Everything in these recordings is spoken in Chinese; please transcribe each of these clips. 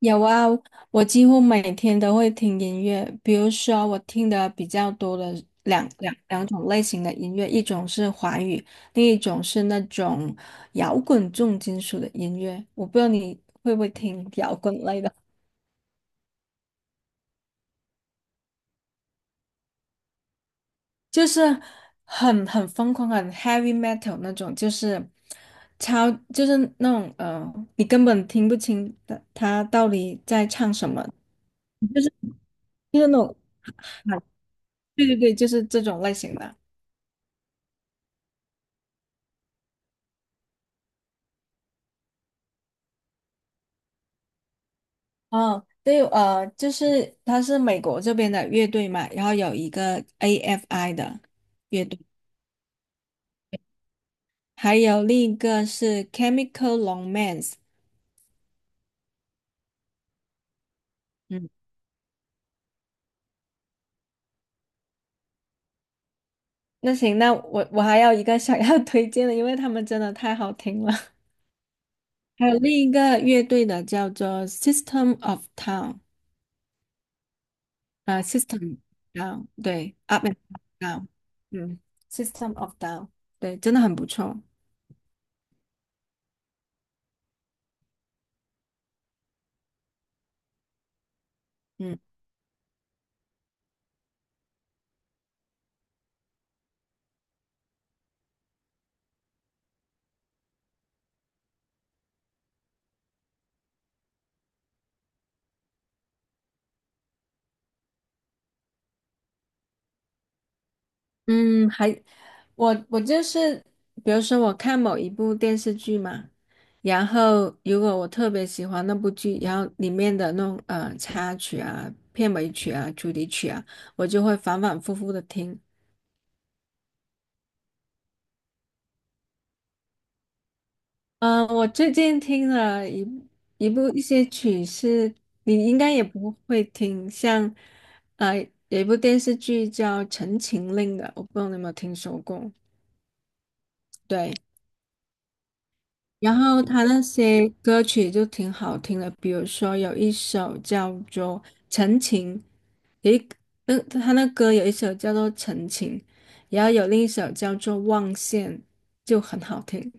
有啊，我几乎每天都会听音乐，比如说我听的比较多的两种类型的音乐，一种是华语，另一种是那种摇滚重金属的音乐。我不知道你会不会听摇滚类的，就是很疯狂、很 heavy metal 那种，就是超就是那种你根本听不清的他到底在唱什么，就是很对对对，就是这种类型的。哦，对，就是他是美国这边的乐队嘛，然后有一个 AFI 的乐队，还有另一个是 Chemical Romance。嗯，那行，那我还有一个想要 推荐的，因为他们真的太好听了。还有另一个乐队的叫做 System of Down，啊 s y s t e m Down，对，Up and Down，嗯，System of Down，对，真的很不错。嗯。嗯，还我就是，比如说我看某一部电视剧嘛，然后如果我特别喜欢那部剧，然后里面的那种插曲啊、片尾曲啊、主题曲啊，我就会反反复复的听。嗯、我最近听了一些曲是你应该也不会听，像呃有一部电视剧叫《陈情令》的，我不知道你有没有听说过？对。然后他那些歌曲就挺好听的，比如说有一首叫做《陈情》，有一那他那歌有一首叫做《陈情》，然后有另一首叫做《望线》，就很好听。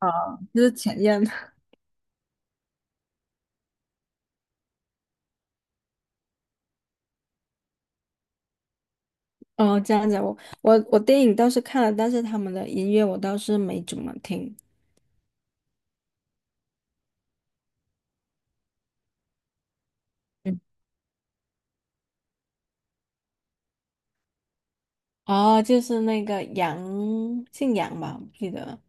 哦，就是前任。 哦，这样子，我电影倒是看了，但是他们的音乐我倒是没怎么听。嗯，哦，就是那个杨，姓杨吧，我不记得了。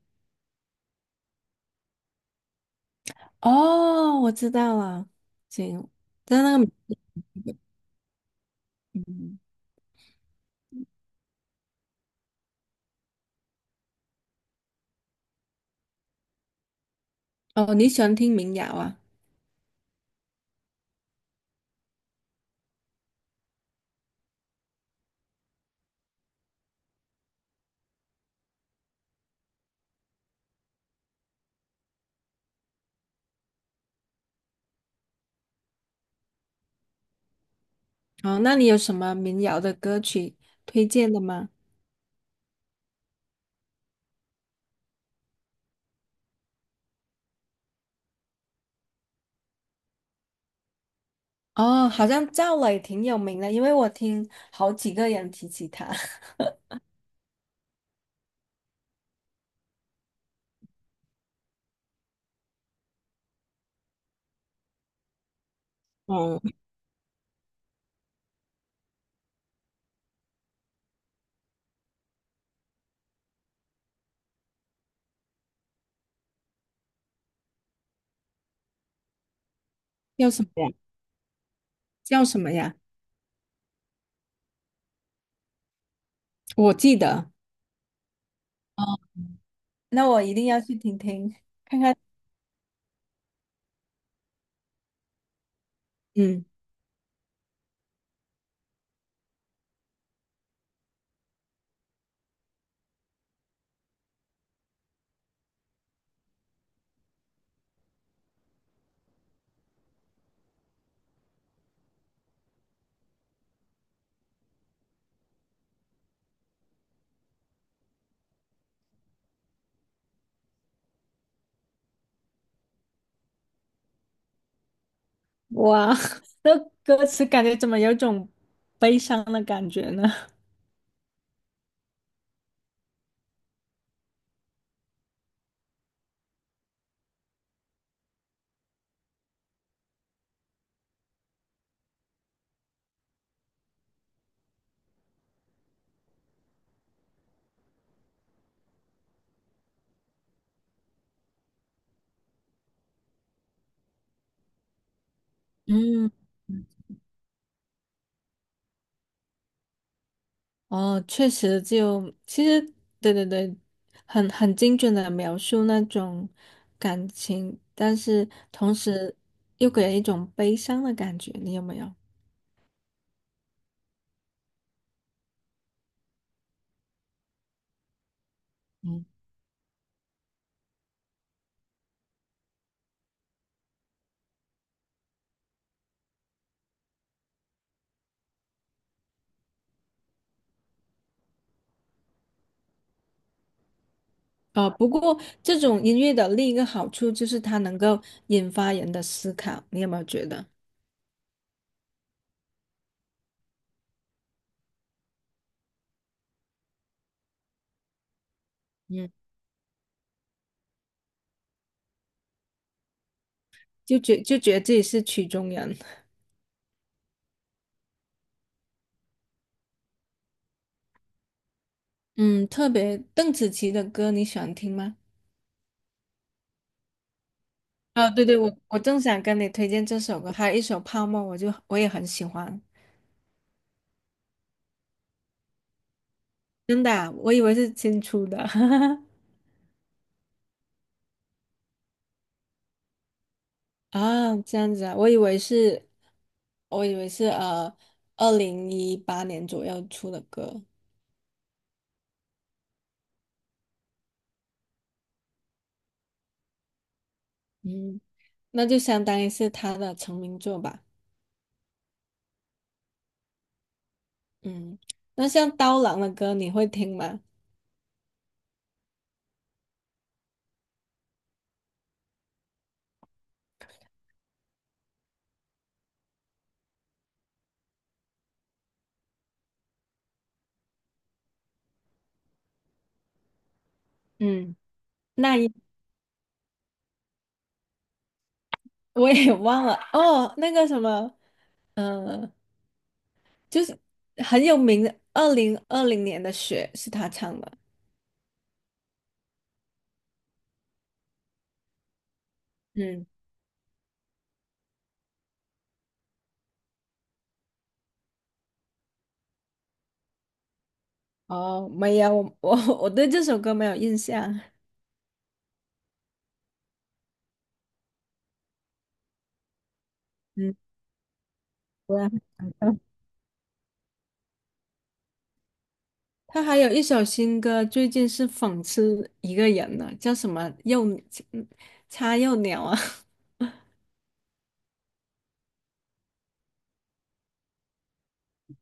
哦，我知道了，行，但那个名字。嗯哦，你喜欢听民谣啊？哦，那你有什么民谣的歌曲推荐的吗？哦，好像赵雷挺有名的，因为我听好几个人提起他。哦，叫什么呀？叫什么呀？我记得，哦，那我一定要去听听，看看。嗯，哇，这歌词，感觉怎么有种悲伤的感觉呢？嗯，哦，确实就，其实对对对，很精准的描述那种感情，但是同时又给人一种悲伤的感觉，你有没有？嗯，不过这种音乐的另一个好处就是它能够引发人的思考，你有没有觉得？嗯，就觉得自己是曲中人。嗯，特别邓紫棋的歌你喜欢听吗？啊，对对，我正想跟你推荐这首歌，还有一首《泡沫》，我也很喜欢。真的啊我以为是新出的。 啊，这样子啊，我以为是2018年左右出的歌，嗯，那就相当于是他的成名作吧，嗯，那像刀郎的歌你会听吗？嗯，那一我也 忘了哦，那个什么，呃，就是很有名的，2020年的雪是他唱的，嗯，哦，没有，我对这首歌没有印象，嗯，对啊他还有一首新歌，最近是讽刺一个人呢，叫什么幼嗯叉幼鸟啊？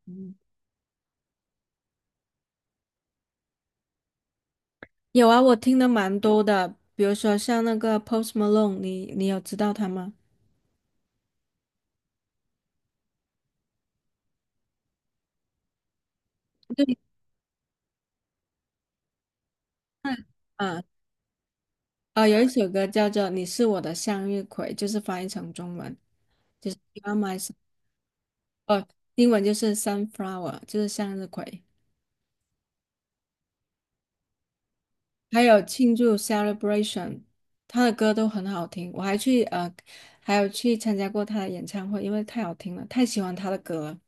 嗯有啊，我听的蛮多的，比如说像那个 Post Malone，你有知道他吗？对，那啊啊 有一首歌叫做《你是我的向日葵》，就是翻译成中文就是 You are my sun- 哦，英文就是 sunflower，就是向日葵。还有庆祝 Celebration，他的歌都很好听，我还去呃，还有去参加过他的演唱会，因为太好听了，太喜欢他的歌了。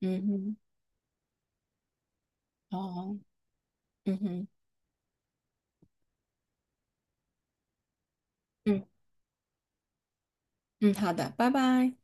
嗯哼，哦，嗯哼，嗯嗯，好的，拜拜。